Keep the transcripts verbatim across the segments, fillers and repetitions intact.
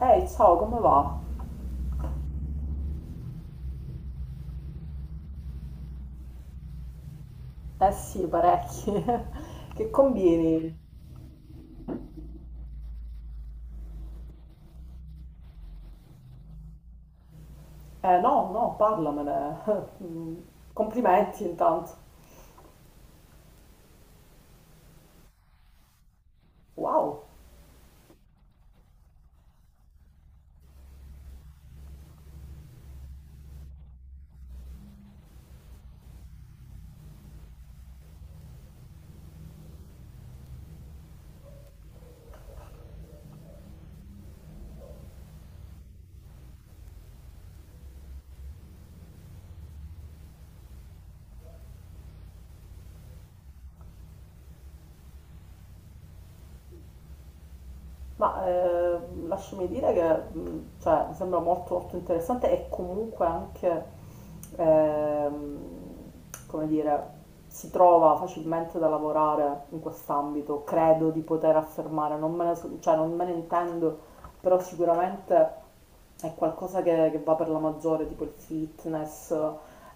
Ehi, ciao, come va? Eh sì, parecchi. Che combini? Eh no, no, parlamene. Mm, Complimenti intanto. Wow. Ma eh, lasciami dire che mh, cioè, mi sembra molto, molto interessante e comunque anche, ehm, come dire, si trova facilmente da lavorare in quest'ambito, credo di poter affermare, non me ne, so- cioè, non me ne intendo, però sicuramente è qualcosa che, che va per la maggiore, tipo il fitness,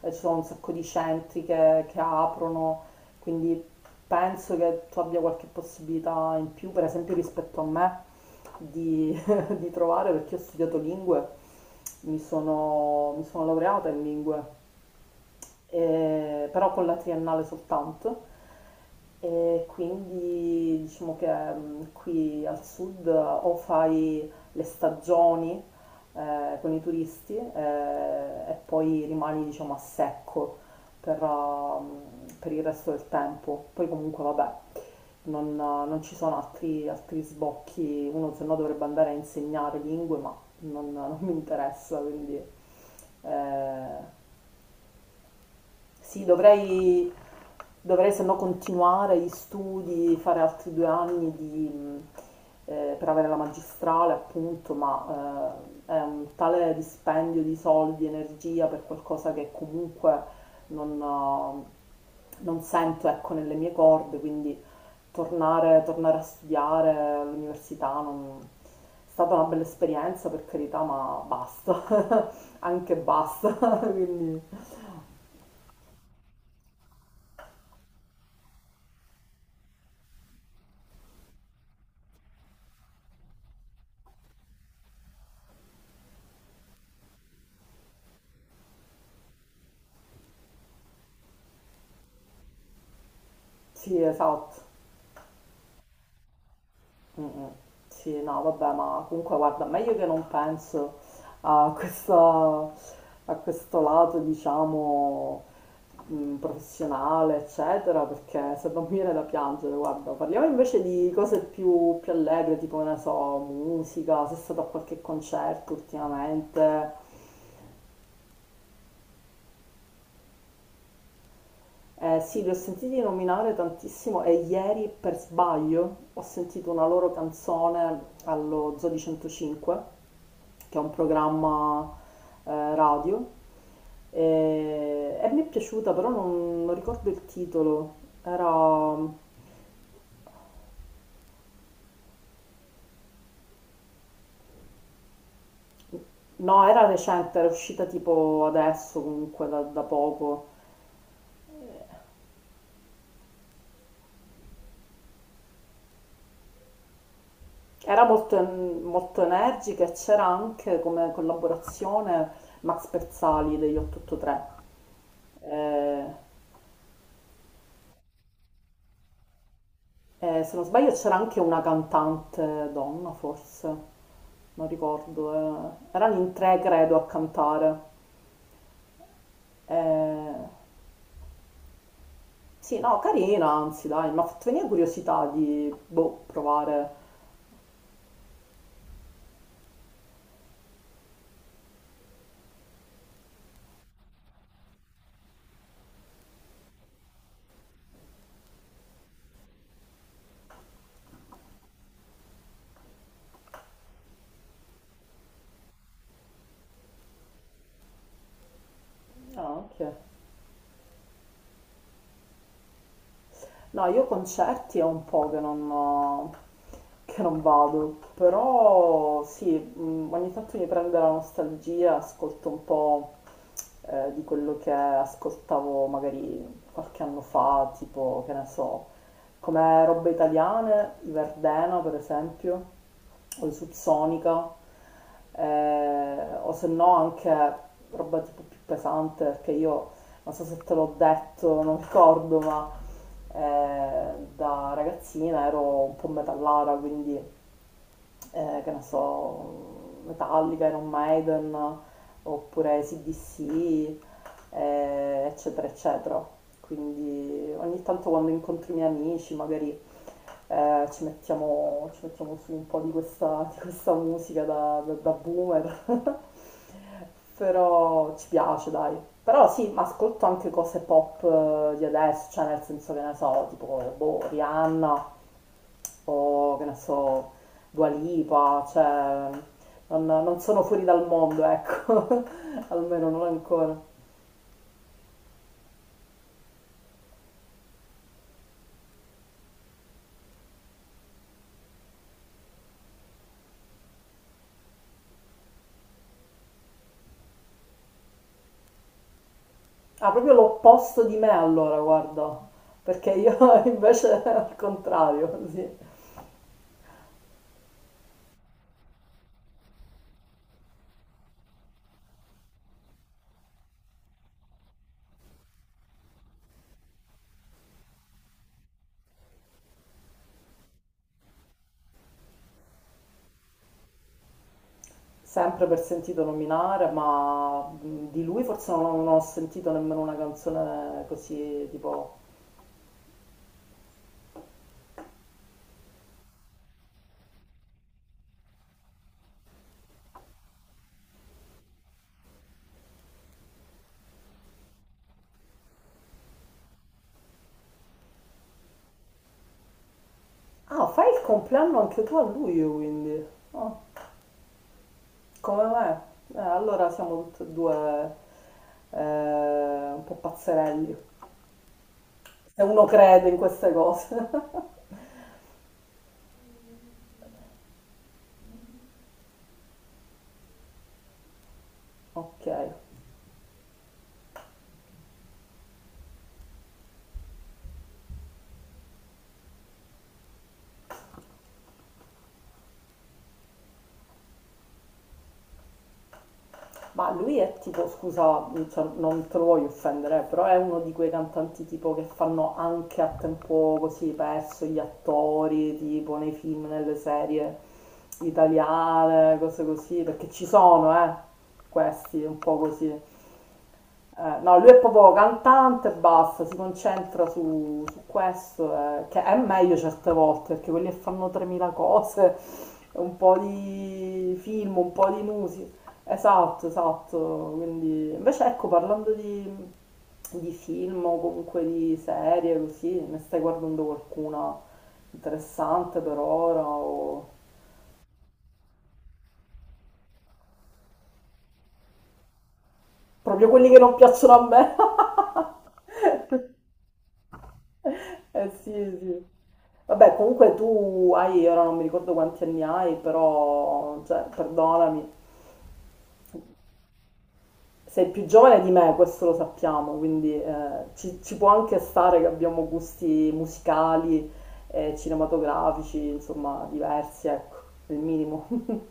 eh, ci sono un sacco di centri che, che aprono, quindi penso che tu abbia qualche possibilità in più, per esempio rispetto a me di, di trovare perché ho studiato lingue, mi sono, mi sono laureata in lingue eh, però con la triennale soltanto. E quindi diciamo che mh, qui al sud eh, o fai le stagioni eh, con i turisti eh, e poi rimani diciamo a secco per, ehm, per il resto del tempo. Poi comunque vabbè, non, non ci sono altri, altri sbocchi, uno se no dovrebbe andare a insegnare lingue, ma non, non mi interessa, quindi eh, sì, dovrei, dovrei se no continuare gli studi, fare altri due anni di, mh, eh, per avere la magistrale, appunto, ma eh, è un tale dispendio di soldi, energia per qualcosa che comunque non, eh, non sento, ecco, nelle mie corde, quindi tornare, tornare a studiare all'università non- è stata una bella esperienza, per carità, ma basta, anche basta, quindi sì, esatto. Mm, mm. Sì, no, vabbè, ma comunque guarda, meglio che non penso a questa- a questo lato, diciamo, mm, professionale, eccetera, perché se non mi viene da piangere, guarda, parliamo invece di cose più, più allegre, tipo, che ne so, musica, se sei stato a qualche concerto ultimamente. Eh, sì, li ho sentiti nominare tantissimo e ieri per sbaglio ho sentito una loro canzone allo Zoo di cento cinque, che è un programma eh, radio, e, e mi è piaciuta, però non, non ricordo il titolo. Era, no, era recente, era uscita tipo adesso comunque da, da poco. Era molto, en- molto energica e c'era anche come collaborazione Max Pezzali degli otto otto tre. Eh, Eh, se non sbaglio c'era anche una cantante donna, forse, non ricordo. eh. Erano in tre, credo, a cantare. Eh, sì, no, carina, anzi, dai, mi ha fatto venire curiosità di, boh, provare. Ah, ok. No, io concerti è un po' che non, che non vado, però sì, mh, ogni tanto mi prende la nostalgia, ascolto un po' eh, di quello che ascoltavo magari qualche anno fa, tipo, che ne so, come robe italiane, i Verdena per esempio, o i Subsonica, eh, o se no anche roba tipo più pesante, perché io non so se te l'ho detto, non ricordo, ma eh, da ragazzina ero un po' metallata, quindi eh, che ne so, Metallica, Iron Maiden, oppure C D C, eh, eccetera, eccetera. Quindi ogni tanto quando incontro i miei amici magari eh, ci mettiamo, ci mettiamo su un po' di questa, di questa musica da, da- da boomer, però ci piace, dai. Però sì, ma ascolto anche cose pop eh, di adesso, cioè nel senso che ne so, tipo boh, Rihanna, o che ne so, Dua Lipa, cioè non, non sono fuori dal mondo, ecco, almeno non ancora. Ah, proprio l'opposto di me allora, guarda, perché io invece al contrario, sì. Sempre per sentito nominare, ma mh, di lui forse non, non ho sentito nemmeno una canzone così tipo... Ah, fai il compleanno anche tu a luglio, quindi. Ah. Come me? Eh, allora siamo tutti e due eh, un po' pazzerelli, se uno crede in queste cose. Ok, ma lui è tipo, scusa, cioè, non te lo voglio offendere, eh, però è uno di quei cantanti tipo che fanno anche a tempo così perso gli attori, tipo nei film, nelle serie italiane, cose così, perché ci sono, eh, questi un po' così. Eh, no, lui è proprio cantante e basta, si concentra su, su questo, eh, che è meglio certe volte, perché quelli che fanno tremila cose, un po' di film, un po' di musica. Esatto, esatto. Quindi, invece, ecco, parlando di, di film o comunque di serie, così, ne stai guardando qualcuna interessante per ora? O... Proprio quelli che non piacciono a me? Eh sì, sì. Vabbè, comunque tu hai, ora non mi ricordo quanti anni hai, però, cioè, perdonami, sei più giovane di me, questo lo sappiamo, quindi eh, ci, ci può anche stare che abbiamo gusti musicali e cinematografici, insomma, diversi, ecco, il minimo.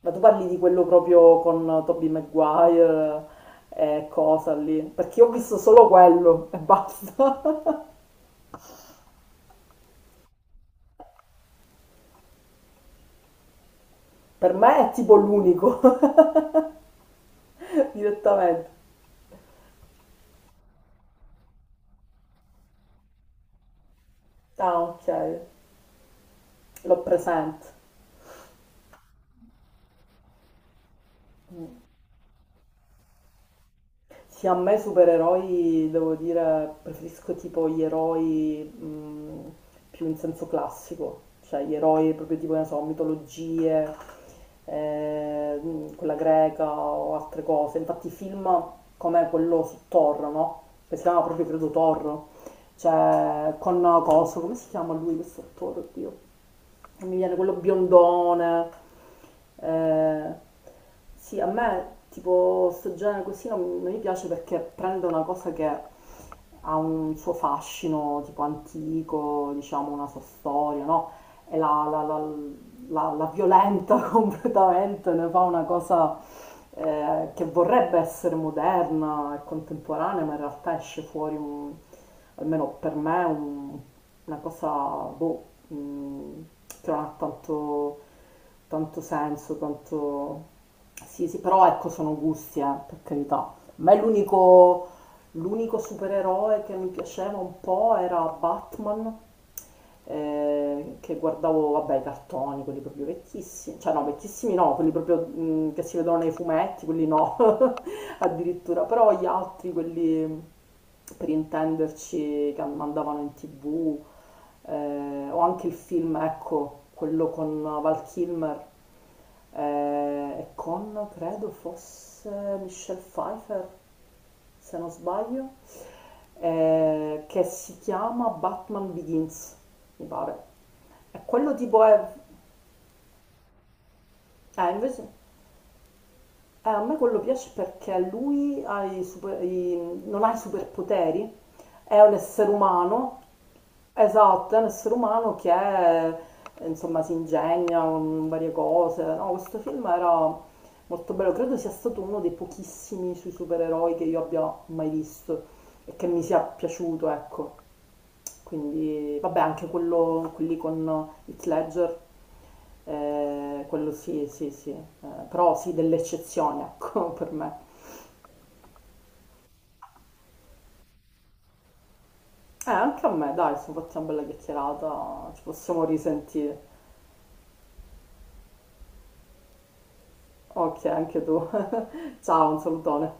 Ma tu parli di quello proprio con Tobey Maguire e cosa lì, perché io ho visto solo quello e basta. Per me è tipo l'unico, direttamente. Ah, ok, l'ho presente. Sì, a me supereroi, devo dire, preferisco tipo gli eroi mh, più in senso classico, cioè gli eroi proprio tipo, ne so, mitologie, eh, mh, quella greca o altre cose. Infatti i film come quello su Thor, no? Che si chiama proprio, credo, Thor, cioè con Coso, come si chiama lui questo attore, oddio? mi viene quello biondone. Eh, sì, a me tipo sto genere così non, non mi piace perché prende una cosa che ha un suo fascino tipo antico, diciamo una sua storia, no? E la, la- la- la, la violenta completamente, ne fa una cosa eh, che vorrebbe essere moderna e contemporanea, ma in realtà esce fuori, un- almeno per me, un- una cosa boh, mh, che non ha tanto, tanto senso, tanto... Sì, sì, però ecco, sono gusti, eh, per carità. Ma è l'unico L'unico supereroe che mi piaceva un po' era Batman, eh, che guardavo, vabbè, i cartoni, quelli proprio vecchissimi, cioè no, vecchissimi no, quelli proprio mh, che si vedono nei fumetti, quelli no, addirittura, però gli altri, quelli per intenderci, che mandavano in tv, eh, o anche il film, ecco, quello con Val Kilmer eh, e con, credo fosse Michelle Pfeiffer, se non sbaglio, eh, che si chiama Batman Begins, mi pare. E quello tipo è... Eh, invece, eh, a me quello piace perché lui ha i super- i- non ha i superpoteri, è un essere umano. Esatto, è un essere umano che eh, insomma si ingegna con varie cose. No, questo film era molto bello, credo sia stato uno dei pochissimi sui supereroi che io abbia mai visto e che mi sia piaciuto, ecco. Quindi, vabbè, anche quello, quelli con Heath Ledger, eh, quello sì, sì, sì. Eh, però sì, delle eccezioni, ecco, per me. Eh, anche a me, dai, sono fatti una bella chiacchierata, ci possiamo risentire. Ok, anche tu. Ciao, un salutone.